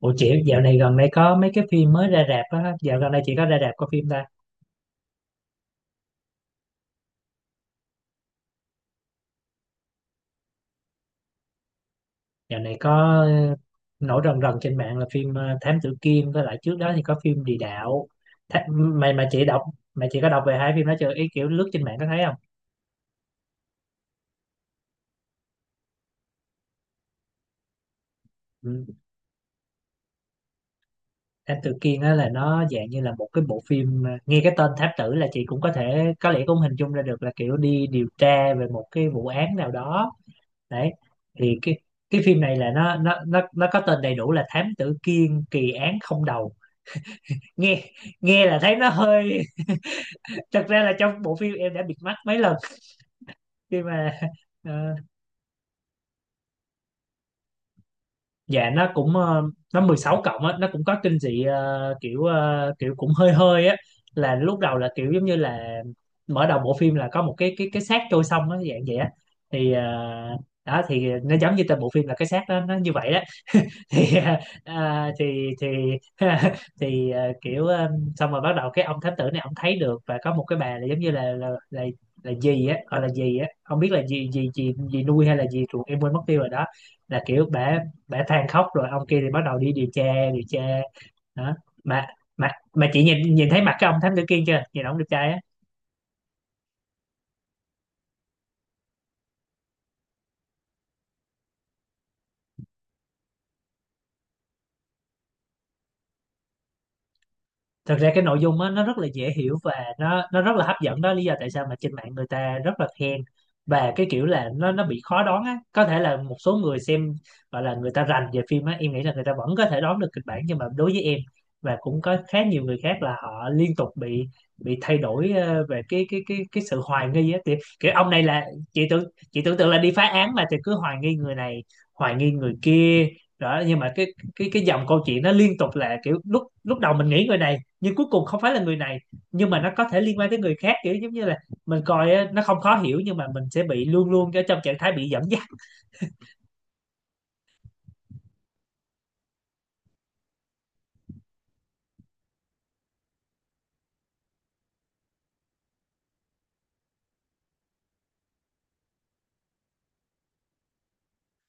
Ủa chị dạo này gần đây có mấy cái phim mới ra rạp á, dạo gần đây chị có ra rạp có phim ta? Dạo này có ờ, nổi rần rần trên mạng là phim Thám Tử Kiên, với lại trước đó thì có phim Địa Đạo. Tha mà chị đọc, mày chị có đọc về hai phim đó chưa? Ý kiểu lướt trên mạng có thấy không? Ừ. Thám Tử Kiên á là nó dạng như là một cái bộ phim nghe cái tên Thám Tử là chị cũng có thể có lẽ cũng hình dung ra được là kiểu đi điều tra về một cái vụ án nào đó. Đấy. Thì cái phim này là nó có tên đầy đủ là Thám Tử Kiên kỳ án không đầu. Nghe nghe là thấy nó hơi thật ra là trong bộ phim em đã bịt mắt mấy lần khi mà ờ, dạ, nó cũng nó 16+ á, nó cũng có kinh dị kiểu kiểu cũng hơi hơi á, là lúc đầu là kiểu giống như là mở đầu bộ phim là có một cái xác trôi sông á dạng vậy á, thì đó thì nó giống như tên bộ phim là cái xác đó nó như vậy đó thì à, thì thì à, kiểu xong rồi bắt đầu cái ông thám tử này ông thấy được và có một cái bà là giống như là gì á, gọi là gì á, không biết là gì gì gì gì nuôi hay là gì ruột, em quên mất tiêu rồi đó, là kiểu bả bả than khóc rồi ông kia thì bắt đầu đi điều tra điều tra đó. Mà mà mà chị nhìn nhìn thấy mặt cái ông thám tử kia chưa, nhìn ông đẹp trai á. Thật ra cái nội dung á nó rất là dễ hiểu và nó rất là hấp dẫn, đó lý do tại sao mà trên mạng người ta rất là khen, và cái kiểu là nó bị khó đoán á, có thể là một số người xem gọi là người ta rành về phim á em nghĩ là người ta vẫn có thể đoán được kịch bản nhưng mà đối với em và cũng có khá nhiều người khác là họ liên tục bị thay đổi về cái sự hoài nghi á, thì kiểu ông này là chị tưởng chị tưởng tượng là đi phá án mà thì cứ hoài nghi người này, hoài nghi người kia đó, nhưng mà cái dòng câu chuyện nó liên tục là kiểu lúc lúc đầu mình nghĩ người này nhưng cuối cùng không phải là người này, nhưng mà nó có thể liên quan tới người khác, kiểu giống như là mình coi á, nó không khó hiểu nhưng mà mình sẽ bị luôn luôn ở trong trạng thái bị dẫn dắt.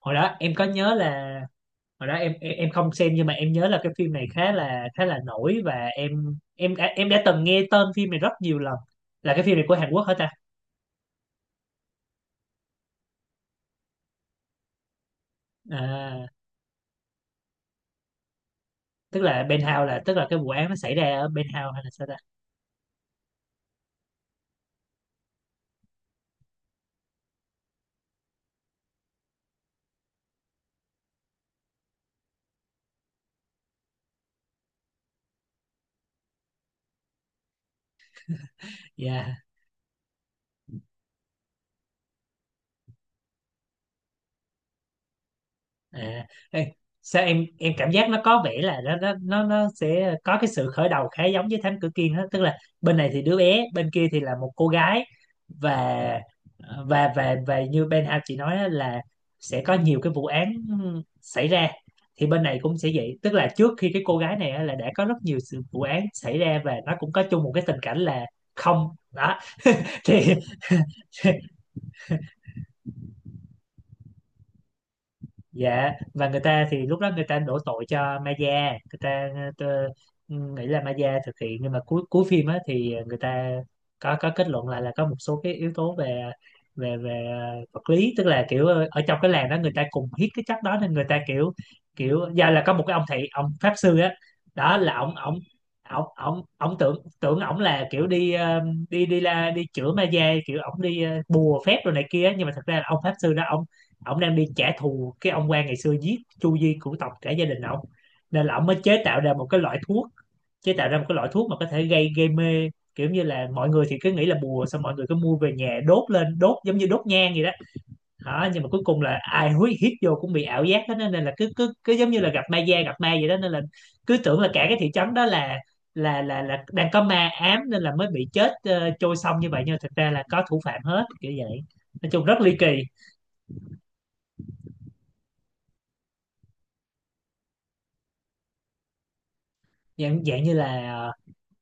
Hồi đó em có nhớ là hồi đó em không xem nhưng mà em nhớ là cái phim này khá là nổi và em đã từng nghe tên phim này rất nhiều lần, là cái phim này của Hàn Quốc hả ta. À, tức là Penthouse tức là cái vụ án nó xảy ra ở Penthouse hay là sao ta. Yeah. À, ê, sao em cảm giác nó có vẻ là nó sẽ có cái sự khởi đầu khá giống với Thám Tử Kiên đó, tức là bên này thì đứa bé, bên kia thì là một cô gái, và và như Ben Hao chị nói á, là sẽ có nhiều cái vụ án xảy ra, thì bên này cũng sẽ vậy, tức là trước khi cái cô gái này á, là đã có rất nhiều sự vụ án xảy ra và nó cũng có chung một cái tình cảnh là không đó. Thì dạ, và người ta thì lúc đó người ta đổ tội cho Maya, người ta ờ, nghĩ là Maya thực hiện nhưng mà cuối cuối phim á thì người ta có kết luận lại là có một số cái yếu tố về về về ờ, vật lý, tức là kiểu ở trong cái làng đó người ta cùng hít cái chất đó nên người ta kiểu kiểu do là có một cái ông thầy ông pháp sư á, đó là ông tưởng tưởng ổng là kiểu đi ờ, đi đi la đi chữa ma da, kiểu ổng đi bùa phép rồi này kia nhưng mà thật ra là ông pháp sư đó ổng đang đi trả thù cái ông quan ngày xưa giết Chu Di cửu tộc cả gia đình ổng, nên là ổng mới chế tạo ra một cái loại thuốc, chế tạo ra một cái loại thuốc mà có thể gây gây mê, kiểu như là mọi người thì cứ nghĩ là bùa xong mọi người cứ mua về nhà đốt lên đốt giống như đốt nhang vậy đó, đó nhưng mà cuối cùng là ai húi hít vô cũng bị ảo giác hết á, nên là cứ cứ cứ giống như là gặp ma da gặp ma vậy đó, nên là cứ tưởng là cả cái thị trấn đó là là đang có ma ám nên là mới bị chết trôi sông như vậy nhưng mà thực ra là có thủ phạm hết kiểu vậy, nói chung rất ly kỳ. Dạng dạng như là ờ,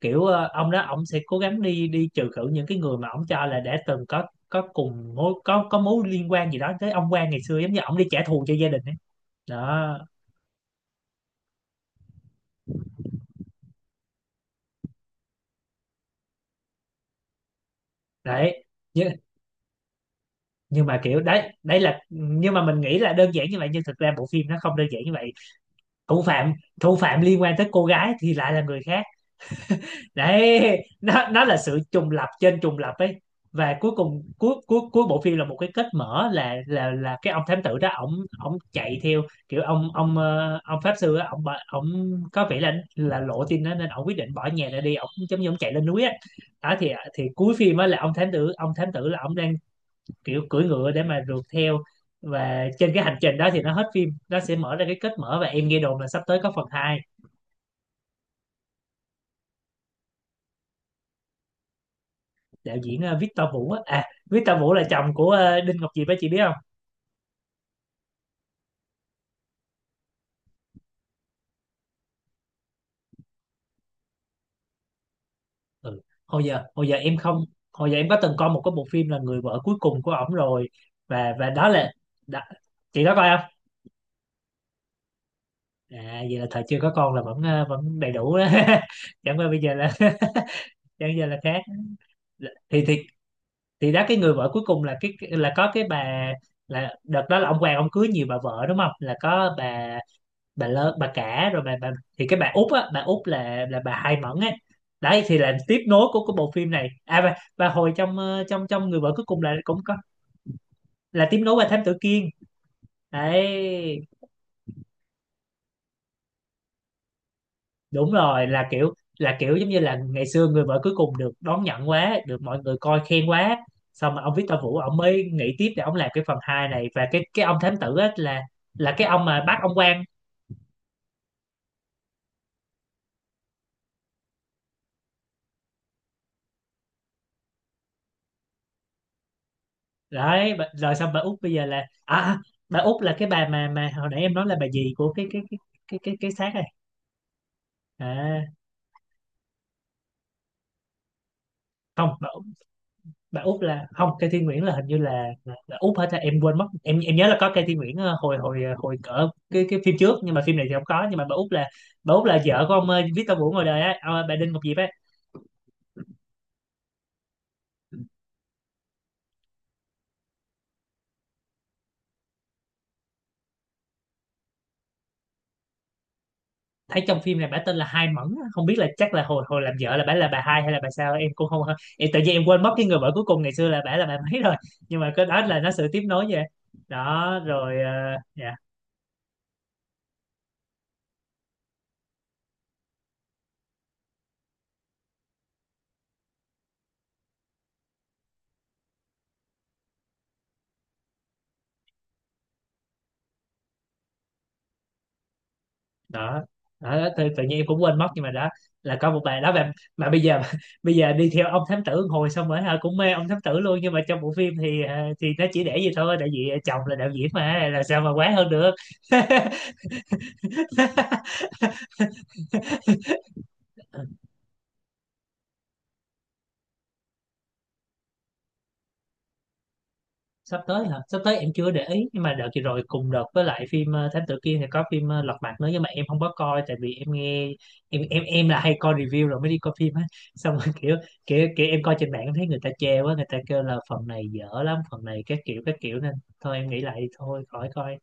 kiểu ông đó ông sẽ cố gắng đi đi trừ khử những cái người mà ông cho là đã từng có cùng mối có mối liên quan gì đó tới ông quan ngày xưa, giống như ông đi trả thù cho gia đình ấy đó, đấy nhưng, nhưng mà kiểu đấy đấy là, nhưng mà mình nghĩ là đơn giản như vậy nhưng thực ra bộ phim nó không đơn giản như vậy. thủ phạm thủ phạm liên quan tới cô gái thì lại là người khác, đấy nó là sự trùng lập trên trùng lập ấy, và cuối cùng cuối cuối cuối bộ phim là một cái kết mở, là là cái ông thám tử đó ổng ổng chạy theo kiểu ông pháp sư á, ổng có vẻ là lộ tin đó nên ổng quyết định bỏ nhà ra đi, ổng giống như ổng chạy lên núi á, đó thì cuối phim á là ông thám tử là ổng đang kiểu cưỡi ngựa để mà rượt theo, và trên cái hành trình đó thì nó hết phim, nó sẽ mở ra cái kết mở và em nghe đồn là sắp tới có phần hai. Đạo diễn Victor Vũ á, à Victor Vũ là chồng của Đinh Ngọc Diệp á, chị biết không. Ừ. Hồi giờ em không hồi giờ em có từng coi một cái bộ phim là Người Vợ Cuối Cùng của ổng rồi, và đó là đó, chị có coi không. À vậy là thời chưa có con là vẫn vẫn đầy đủ đó chẳng qua bây giờ là chẳng giờ là khác. Thì thì thì đó, cái Người Vợ Cuối Cùng là cái là có cái bà, là đợt đó là ông Hoàng ông cưới nhiều bà vợ đúng không, là có bà lơ bà cả rồi bà thì cái bà Út á, bà Út là bà Hai Mẫn á, đấy thì là tiếp nối của cái bộ phim này à, và hồi trong trong trong Người Vợ Cuối Cùng là cũng có, là tiếp nối qua Thám Tử Kiên. Đấy đúng rồi, là kiểu giống như là ngày xưa Người Vợ Cuối Cùng được đón nhận quá, được mọi người coi khen quá, xong mà ông Victor Vũ ông mới nghĩ tiếp để ông làm cái phần hai này, và cái ông thám tử á là cái ông mà bắt ông quan. Đấy, bà- rồi xong bà Út bây giờ là bà Út là cái bà mà hồi nãy em nói là bà gì của cái xác này. À không, bà Út là không, cây Thiên Nguyễn là hình như là Út hết á, em quên mất. Em nhớ là có cây Thiên Nguyễn ờ, hồi hồi ờ, hồi cỡ cái phim trước nhưng mà phim này thì không có, nhưng mà bà Út là vợ của ông Victor Vũ ngoài đời á, ông, bà Đinh Ngọc Diệp á. Thấy trong phim này bả tên là Hai Mẫn á, không biết là chắc là hồi hồi làm vợ là bả là bà Hai hay là bà sao em cũng không. Em tự nhiên quên mất cái người vợ cuối cùng ngày xưa là bả là bà mấy rồi, nhưng mà cái đó là nó sự tiếp nối vậy đó rồi dạ. Đó, đó tự, tự nhiên em cũng quên mất nhưng mà đó là có một bài đó mà bây giờ bây giờ đi theo ông thám tử hồi xong rồi hả, cũng mê ông thám tử luôn, nhưng mà trong bộ phim thì thì nó chỉ để vậy thôi, tại vì chồng là đạo diễn mà làm sao mà quá hơn được. Sắp tới hả, sắp tới em chưa để ý, nhưng mà đợt vừa rồi cùng đợt với lại phim Thám Tử Kiên thì có phim Lật Mặt nữa, nhưng mà em không có coi tại vì em nghe. Em là hay coi review rồi mới đi coi phim á, xong rồi kiểu, kiểu em coi trên mạng em thấy người ta chê quá, người ta kêu là phần này dở lắm, phần này các kiểu các kiểu, nên thôi em nghĩ lại thôi khỏi coi.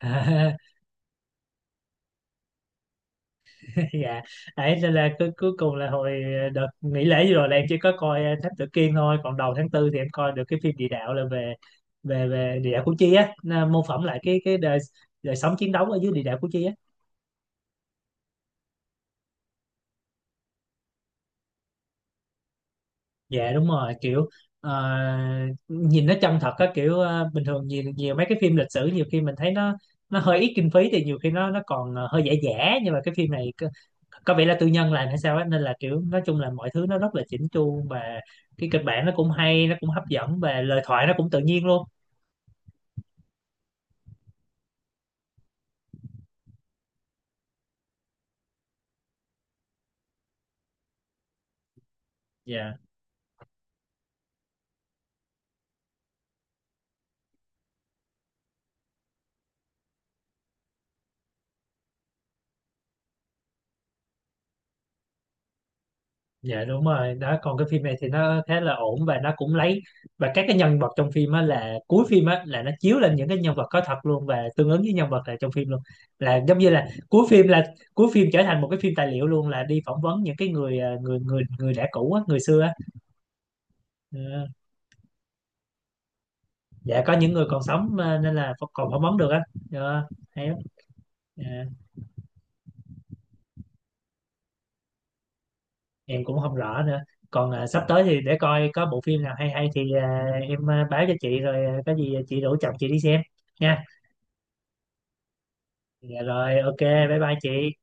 Dạ, đấy nên là cuối cuối cùng là hồi đợt nghỉ lễ vừa rồi là em chỉ có coi Thám Tử Kiên thôi, còn đầu tháng tư thì em coi được cái phim địa đạo, là về về về địa đạo Củ Chi á, nó mô phỏng lại cái đời đời sống chiến đấu ở dưới địa đạo Củ Chi á. Dạ đúng rồi, kiểu ờ, nhìn nó chân thật á, kiểu bình thường nhiều, nhiều mấy cái phim lịch sử nhiều khi mình thấy nó hơi ít kinh phí thì nhiều khi nó còn hơi giả giả, nhưng mà cái phim này có vẻ là tư nhân làm hay sao á, nên là kiểu nói chung là mọi thứ nó rất là chỉnh chu, và cái kịch bản nó cũng hay, nó cũng hấp dẫn, và lời thoại nó cũng tự nhiên luôn. Dạ. Dạ đúng rồi đó, còn cái phim này thì nó khá là ổn, và nó cũng lấy và các cái nhân vật trong phim á, là cuối phim á là nó chiếu lên những cái nhân vật có thật luôn và tương ứng với nhân vật là trong phim luôn, là giống như là cuối phim trở thành một cái phim tài liệu luôn, là đi phỏng vấn những cái người à, người người người đã cũ á, người xưa á. Ờ, dạ có những người còn sống à, nên là còn phỏng vấn được á. Ờ, hay lắm. Dạ, em cũng không rõ nữa, còn à, sắp tới thì để coi có bộ phim nào hay hay thì à, em à, báo cho chị, rồi à, có gì chị rủ chồng chị đi xem nha. Dạ rồi, ok, bye bye chị.